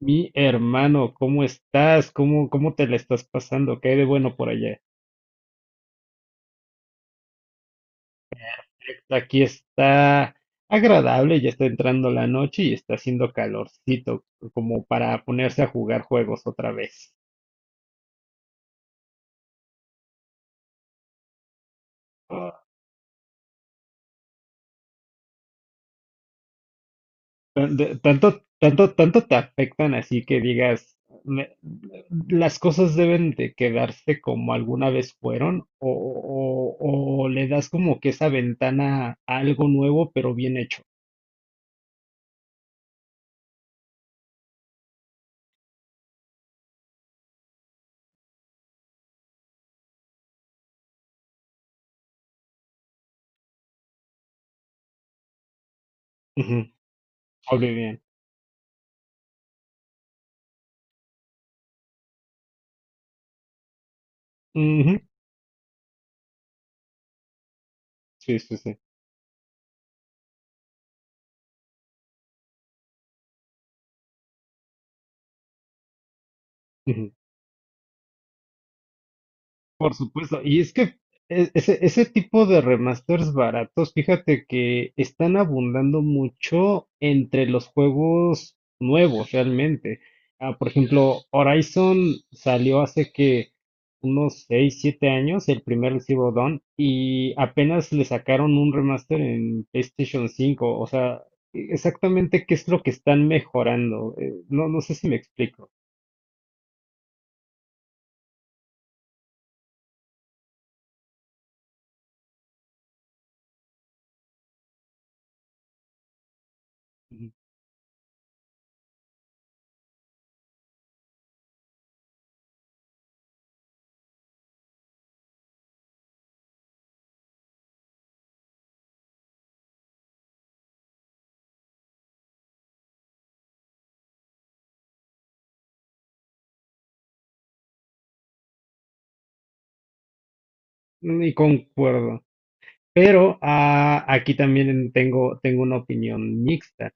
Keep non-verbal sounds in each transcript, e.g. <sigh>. Mi hermano, ¿cómo estás? ¿Cómo te la estás pasando? ¿Qué hay de bueno por allá? Aquí está agradable, ya está entrando la noche y está haciendo calorcito, como para ponerse a jugar juegos otra vez. Ah, Tanto, tanto, tanto te afectan así que digas, "Me- las cosas deben de quedarse como alguna vez fueron, o, o le das como que esa ventana a algo nuevo, pero bien hecho. Ujú, hable bien. Sí, sí, sí. Ujú. Por supuesto. Y es que ese tipo de remasters baratos, fíjate que están abundando mucho entre los juegos nuevos realmente. Por ejemplo, Horizon salió hace que unos 6, 7 años, el primer Zero Dawn, y apenas le sacaron un remaster en PlayStation 5. O sea, exactamente qué es lo que están mejorando. No, no sé si me explico. Ujú. Ni concuerdo. Pero aquí también tengo una opinión mixta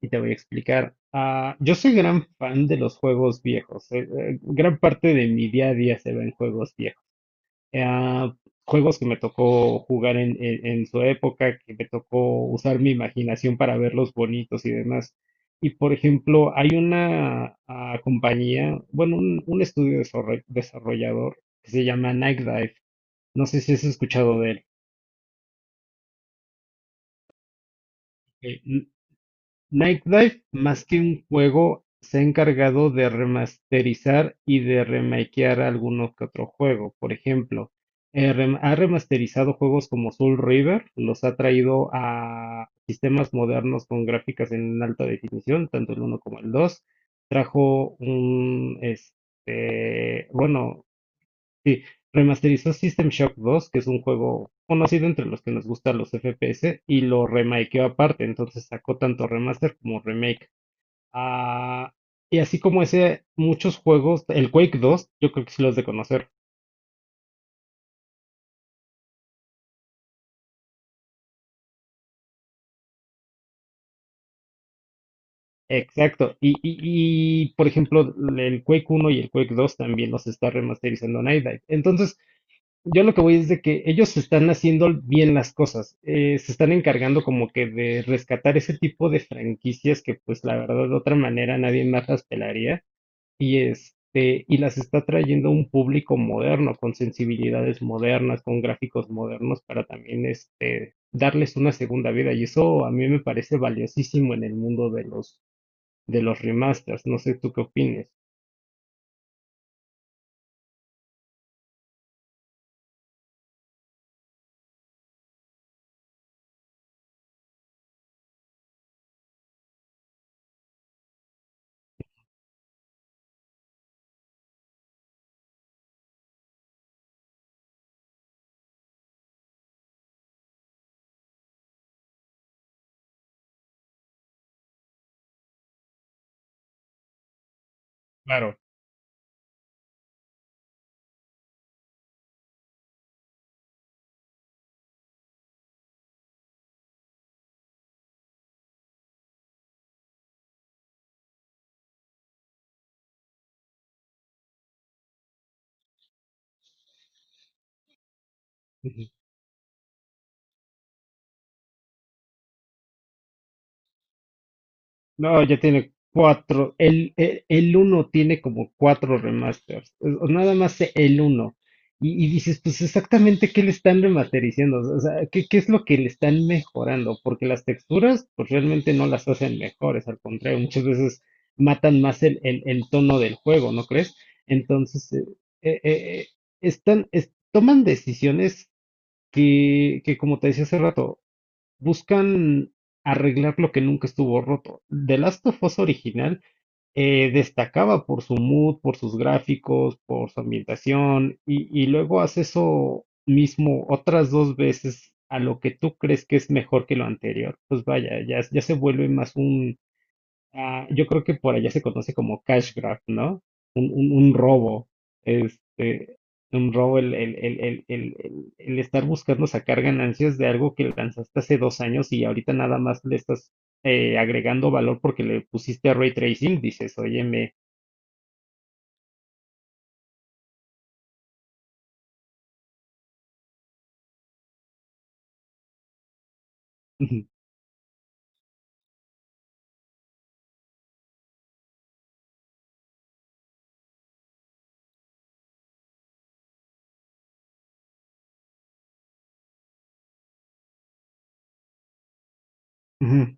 y te voy a explicar. Yo soy gran fan de los juegos viejos. Gran parte de mi día a día se ve en juegos viejos. Ah, juegos que me tocó jugar en, en su época, que me tocó usar mi imaginación para verlos bonitos y demás. Y por ejemplo, hay una compañía, bueno, un estudio desarrollador que se llama Night Dive. No sé si has escuchado de él. Eh, Nightlife más que un juego se ha encargado de remasterizar y de remakear algunos que otro juego. Por ejemplo, ha remasterizado juegos como Soul River, los ha traído a sistemas modernos con gráficas en alta definición, tanto el uno como el dos. Trajo un, este, bueno. Sí, remasterizó System Shock 2, que es un juego conocido entre los que nos gustan los FPS, y lo remakeó aparte, entonces sacó tanto remaster como remake. Ah, y así como ese, muchos juegos, el Quake 2, yo creo que sí los de conocer. Exacto, por ejemplo, el Quake 1 y el Quake 2 también los está remasterizando Night Dive. Entonces, yo lo que voy es de que ellos están haciendo bien las cosas, se están encargando como que de rescatar ese tipo de franquicias que pues la verdad de otra manera nadie más las pelaría y este y las está trayendo a un público moderno con sensibilidades modernas, con gráficos modernos para también este darles una segunda vida y eso a mí me parece valiosísimo en el mundo de los remasters, no sé tú qué opines. Claro. No, ya tiene cuatro. El uno tiene como cuatro remasters. O nada más el uno. Y dices, pues exactamente qué le están remasterizando. O sea, ¿qué es lo que le están mejorando? Porque las texturas, pues realmente no las hacen mejores. Al contrario, muchas veces matan más el tono del juego, ¿no crees? Entonces, eh, eh, eh, están, toman decisiones como te decía hace rato, buscan arreglar lo que nunca estuvo roto. The Last of Us original destacaba por su mood, por sus gráficos, por su ambientación, y luego hace eso mismo otras dos veces a lo que tú crees que es mejor que lo anterior. Pues vaya, ya se vuelve más un. Yo creo que por allá se conoce como cash grab, ¿no? Un robo, este, un robo, el estar buscando sacar ganancias de algo que lanzaste hace dos años y ahorita nada más le estás agregando valor porque le pusiste a ray tracing, dices, óyeme, ujú, ujú,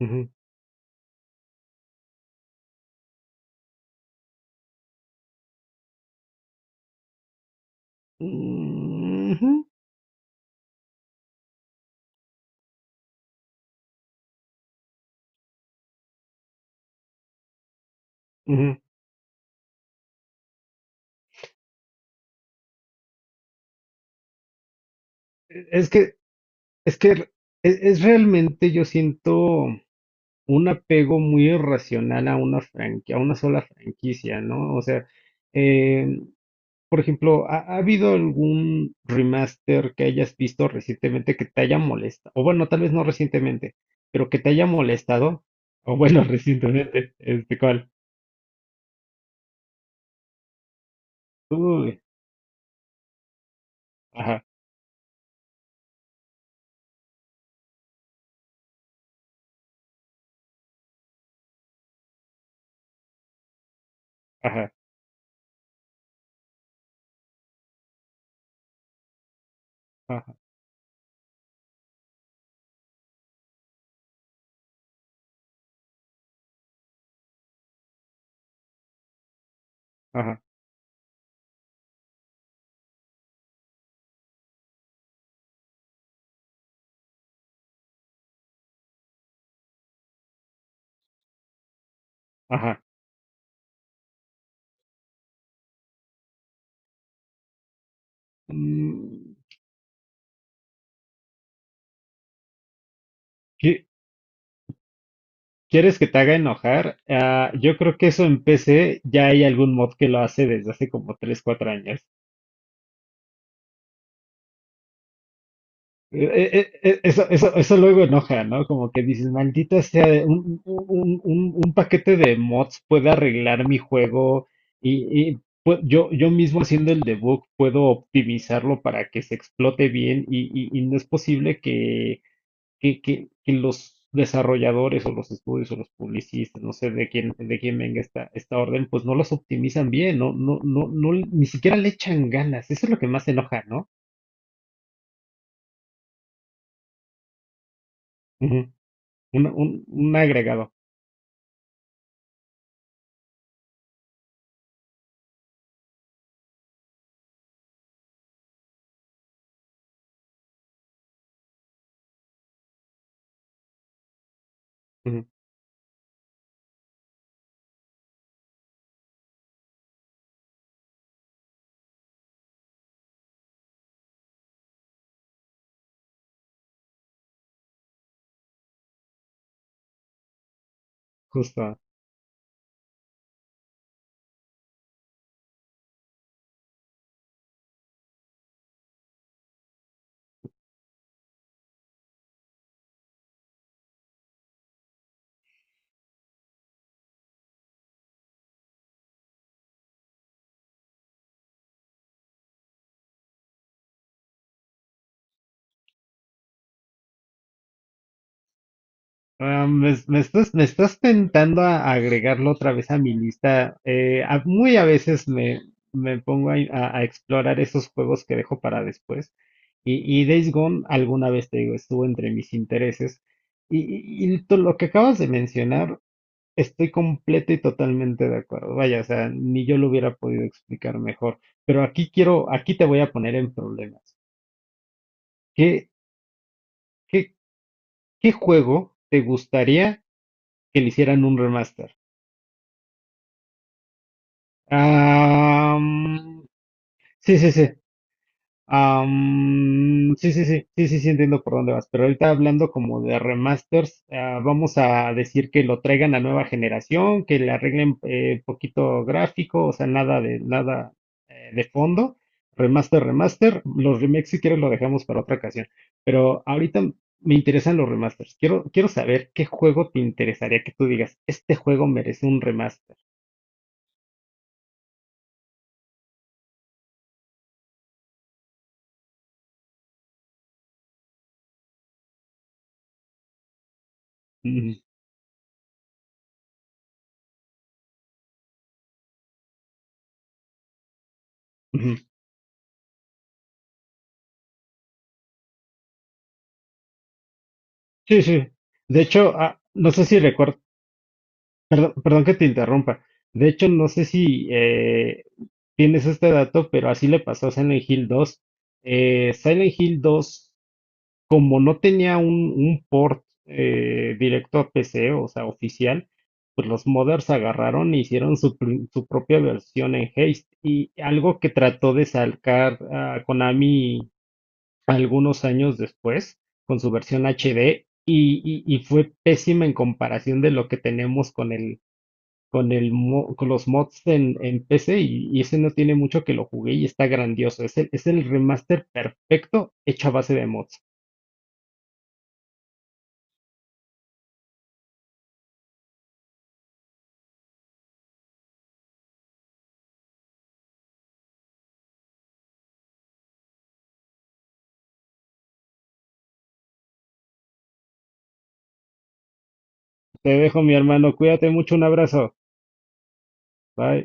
ujú, mm, ujú, ujú". Es que, es que es realmente yo siento. Un apego muy irracional a a una sola franquicia, ¿no? O sea, eh, por ejemplo, ¿ha habido algún remaster que hayas visto recientemente que te haya molestado? O bueno, tal vez no recientemente, pero que te haya molestado. O bueno, <laughs> recientemente, este, ¿cuál? Uy, ajá, ajá, ajá, ajá, ajá. Mm. ¿qué- ¿Quieres que te haga enojar? Yo creo que eso en PC ya hay algún mod que lo hace desde hace como 3 4 años. Eso luego enoja, ¿no? Como que dices, maldita sea, un paquete de mods puede arreglar mi juego y yo mismo haciendo el debug puedo optimizarlo para que se explote bien y no es posible que, que los desarrolladores o los estudios o los publicistas, no sé de quién venga esta orden, pues no los optimizan bien, no, no, no, no, ni siquiera le echan ganas. Eso es lo que más enoja, ¿no? Ujú. Un agregado. Ujú. Justo. Me estás tentando a agregarlo otra vez a mi lista. Muy a veces me pongo a, a explorar esos juegos que dejo para después. Y Days Gone, alguna vez te digo, estuvo entre mis intereses. Y, lo que acabas de mencionar, estoy completa y totalmente de acuerdo. Vaya, o sea, ni yo lo hubiera podido explicar mejor. Pero aquí quiero, aquí te voy a poner en problemas. ¿Qué, qué, qué juego te gustaría que le hicieran un remaster? Am, sí, sí, sí. Sí, sí, sí, sí, sí, sí, entiendo por dónde vas. Pero ahorita hablando como de remasters, vamos a decir que lo traigan a nueva generación, que le arreglen poquito gráfico, o sea, nada de nada de fondo. Remaster, remaster. Los remakes, si quieres, lo dejamos para otra ocasión. Pero ahorita me interesan los remasters. Quiero saber qué juego te interesaría que tú digas, este juego merece un remaster. Ujú, ujú. Sí, sí. De hecho, no sé si recuerdo, perdón, perdón que te interrumpa. De hecho, no sé si tienes este dato, pero así le pasó a Silent Hill 2. Silent Hill 2, como no tenía un port directo a PC, o sea, oficial, pues los modders agarraron e hicieron su, su propia versión en Haste. Y algo que trató de sacar a Konami algunos años después con su versión HD y fue pésima en comparación de lo que tenemos con el con los mods en PC y ese no tiene mucho que lo jugué y está grandioso. Es el remaster perfecto hecho a base de mods. Te dejo, mi hermano. Cuídate mucho. Un abrazo. Bye.